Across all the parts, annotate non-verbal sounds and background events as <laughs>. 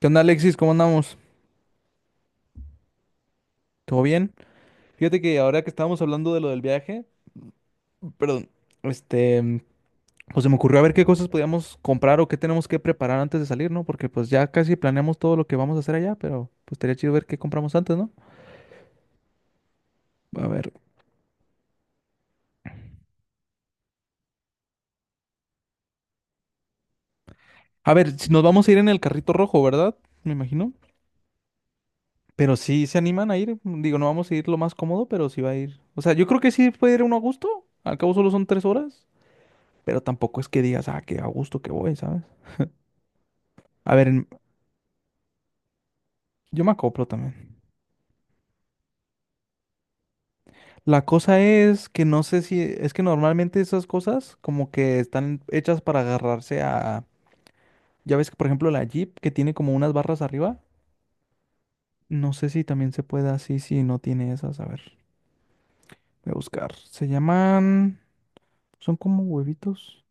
¿Qué onda, Alexis? ¿Cómo andamos? ¿Todo bien? Fíjate que ahora que estábamos hablando de lo del viaje, perdón, este, pues se me ocurrió a ver qué cosas podíamos comprar o qué tenemos que preparar antes de salir, ¿no? Porque pues ya casi planeamos todo lo que vamos a hacer allá, pero pues estaría chido ver qué compramos antes, ¿no? A ver, a ver, si nos vamos a ir en el carrito rojo, ¿verdad? Me imagino. Pero sí se animan a ir, digo, no vamos a ir lo más cómodo, pero sí va a ir. O sea, yo creo que sí puede ir uno a gusto, al cabo solo son 3 horas, pero tampoco es que digas, ah, qué a gusto que voy, ¿sabes? A ver, yo me acoplo también. La cosa es que no sé si, es que normalmente esas cosas como que están hechas para agarrarse a, ya ves que por ejemplo la Jeep que tiene como unas barras arriba, no sé si también se puede así, si no tiene esas, a ver, voy a buscar. Se llaman, son como huevitos,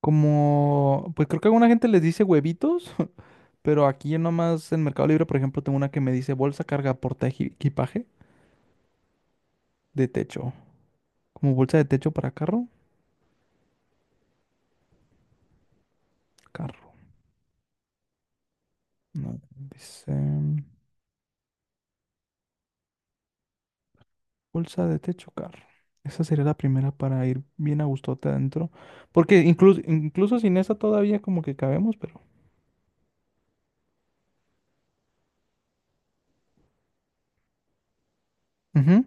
como, pues creo que alguna gente les dice huevitos, <laughs> pero aquí nomás en Mercado Libre, por ejemplo, tengo una que me dice bolsa carga porta equipaje de techo, como bolsa de techo para carro, carro, no, dice... Bolsa de techo, carro. Esa sería la primera para ir bien a gustote adentro. Porque incluso sin esa todavía como que cabemos, pero. Ujú.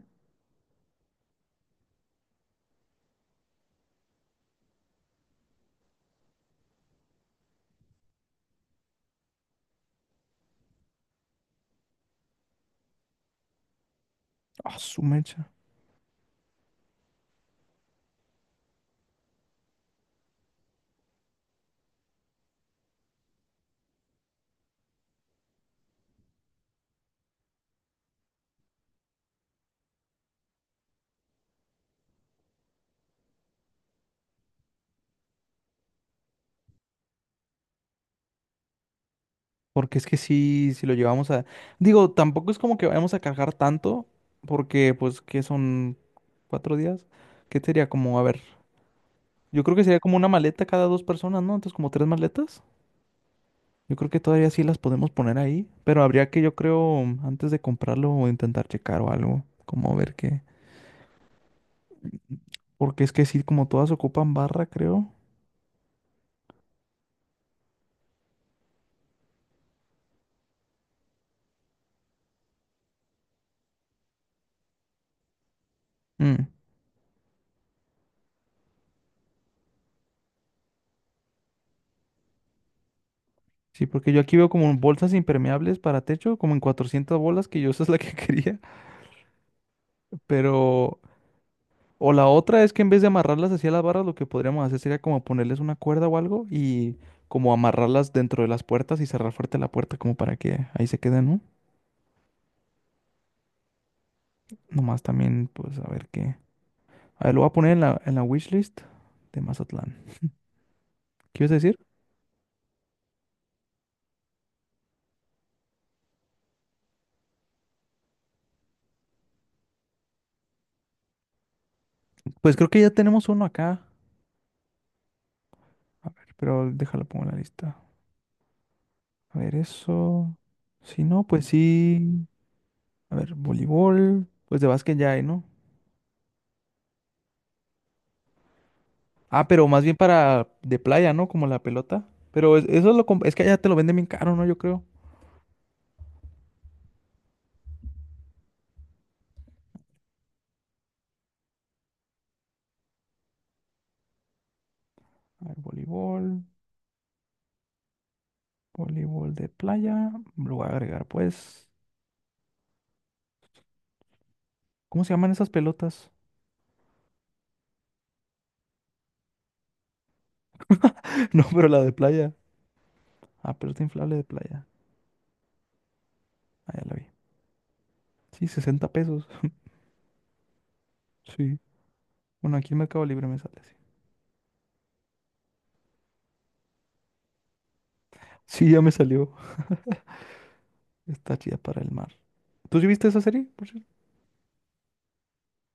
Ah, su mecha. Porque es que sí, si lo llevamos a. Digo, tampoco es como que vayamos a cargar tanto. Porque, pues, que son 4 días. ¿Qué sería como, a ver? Yo creo que sería como una maleta cada dos personas, ¿no? Entonces, como tres maletas. Yo creo que todavía sí las podemos poner ahí. Pero habría que, yo creo, antes de comprarlo, intentar checar o algo. Como ver qué. Porque es que sí, como todas ocupan barra, creo. Mm, sí, porque yo aquí veo como bolsas impermeables para techo, como en 400 bolas, que yo <laughs> esa es la que <laughs> quería. Pero... O la otra es que en vez de amarrarlas hacia las barras, lo que podríamos hacer sería como ponerles una cuerda o algo y como amarrarlas dentro de las puertas y cerrar fuerte la puerta como para que ahí se queden, ¿no? Nomás también, pues a ver qué. A ver, lo voy a poner en la wishlist de Mazatlán. ¿Qué ibas a decir? Pues creo que ya tenemos uno acá. A ver, pero déjalo pongo en la lista. A ver, eso. Si no, pues sí. A ver, voleibol. Pues de básquet ya hay, ¿no? Ah, pero más bien para de playa, ¿no? Como la pelota. Pero es que allá te lo venden bien caro, ¿no? Yo creo. A ver, voleibol. Voleibol de playa. Lo voy a agregar, pues. ¿Cómo se llaman esas pelotas? <laughs> No, pero la de playa. Ah, pelota inflable de playa. Ah, ya la vi. Sí, 60 pesos. Sí. Bueno, aquí en Mercado Libre me sale así. Sí, ya me salió. Está chida para el mar. ¿Tú sí viste esa serie? Por cierto.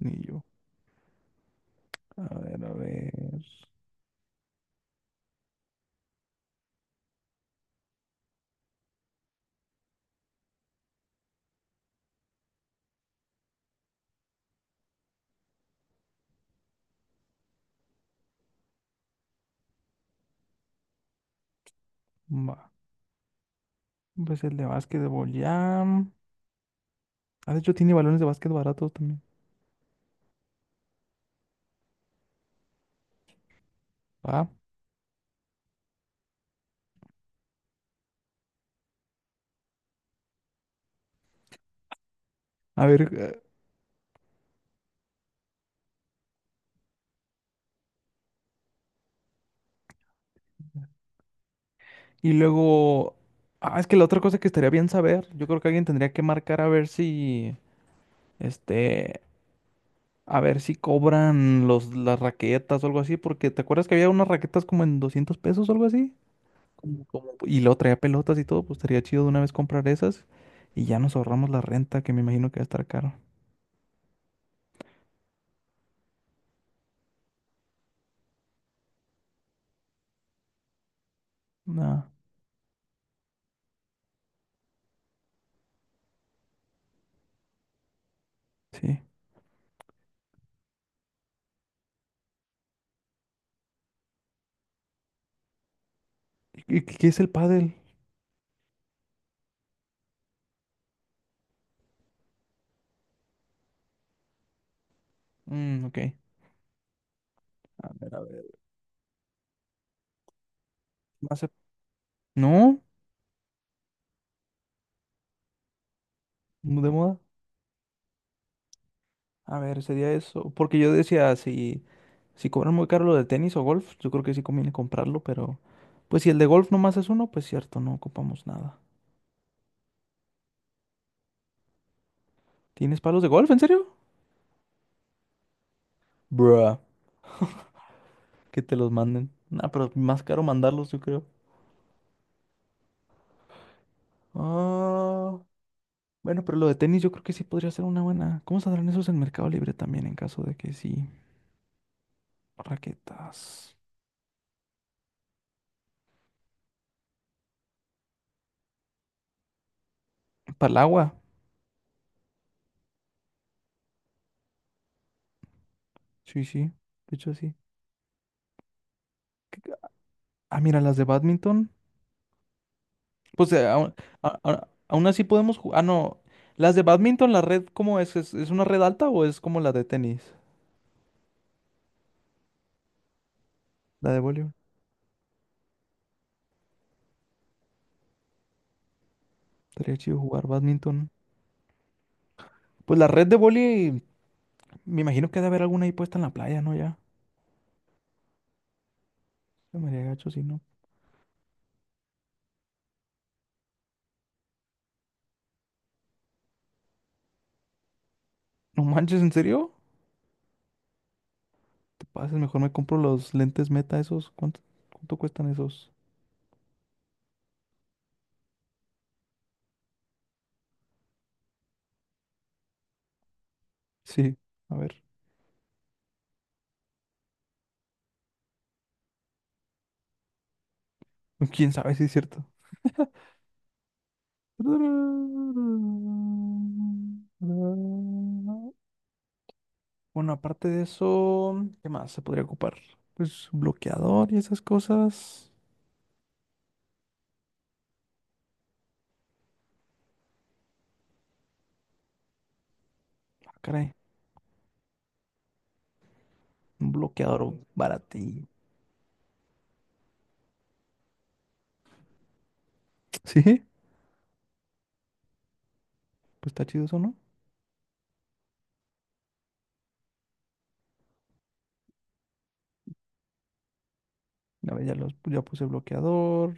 Ni yo. A ver, a ver. Va. Pues el de básquetbol ya. Ah, de hecho, tiene balones de básquet baratos también. Va. A ver. Y luego. Ah, es que la otra cosa que estaría bien saber. Yo creo que alguien tendría que marcar a ver si. Este. A ver si cobran los, las raquetas o algo así. Porque ¿te acuerdas que había unas raquetas como en 200 pesos o algo así? Y luego traía pelotas y todo. Pues estaría chido de una vez comprar esas. Y ya nos ahorramos la renta, que me imagino que va a estar caro. Nah, sí. ¿Y qué es el pádel? Mm, ok. A ver, a ver. No sé. ¿No? ¿De moda? A ver, sería eso. Porque yo decía, si cobran muy caro lo de tenis o golf, yo creo que sí conviene comprarlo, pero pues si el de golf nomás es uno, pues cierto, no ocupamos nada. ¿Tienes palos de golf, en serio? Bruh, que te los manden. Nah, pero más caro mandarlos, yo creo. Ah, bueno, pero lo de tenis yo creo que sí podría ser una buena. ¿Cómo saldrán esos en Mercado Libre también en caso de que sí? Raquetas. Para el agua. Sí, sí, de hecho sí. ¿Qué ca- Ah, mira, las de badminton. Pues aún, aún así podemos jugar. Ah, no. Las de badminton, la red, ¿cómo es? Es una red alta o es como la de tenis? La de voleibol. Estaría chido jugar badminton. Pues la red de voleibol, me imagino que debe haber alguna ahí puesta en la playa, ¿no? Ya. Se me haría gacho si no. No manches, ¿en serio? Te pases, mejor me compro los lentes Meta esos. ¿Cuánto cuestan esos? Sí, a ver. <laughs> ¿Quién sabe si es cierto? Bueno, aparte de eso, ¿qué más se podría ocupar? Pues un bloqueador y esas cosas. Ah, caray, un bloqueador baratí. Sí, pues está chido eso, ¿no? A ver, ya, ya puse bloqueador.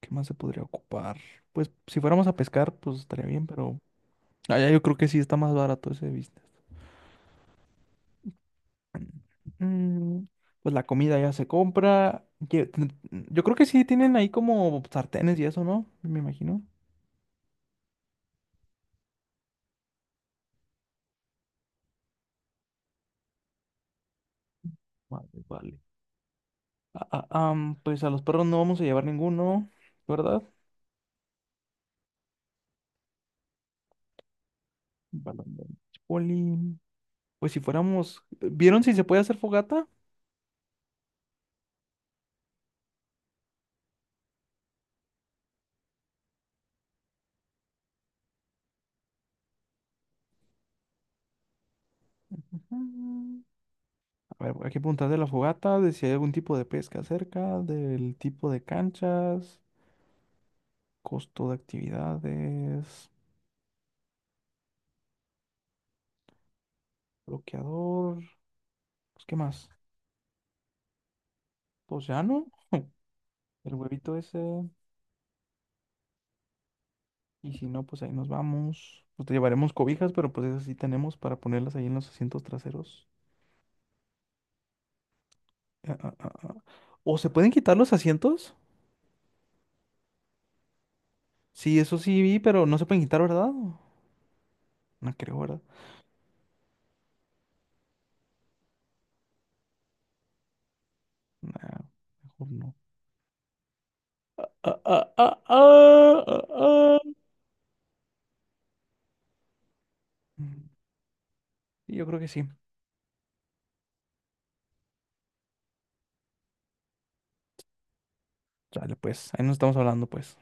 ¿Qué más se podría ocupar? Pues si fuéramos a pescar, pues estaría bien, pero allá yo creo que sí está más barato ese business. Mm. Pues la comida ya se compra. Yo creo que sí tienen ahí como sartenes y eso, ¿no? Me imagino. Vale, vale. Ah, ah, pues a los perros no vamos a llevar ninguno, ¿verdad? Balón de boli. Pues si fuéramos... ¿Vieron si se puede hacer fogata? Mm. A ver, hay que preguntar de la fogata, de si hay algún tipo de pesca cerca, del tipo de canchas, costo de actividades, bloqueador. Pues, ¿qué más? Pues ya no. El huevito ese. Y si no, pues ahí nos vamos. Pues te llevaremos cobijas, pero pues esas sí tenemos para ponerlas ahí en los asientos traseros. Ah, ah, ah, ah. ¿O se pueden quitar los asientos? Sí, eso sí vi, pero no se pueden quitar, ¿verdad? No creo, ¿verdad? Nah, mejor no. Ah, ah, ah, ah, ah, ah. Mm, yo creo que sí. Dale, pues, ahí nos estamos hablando, pues.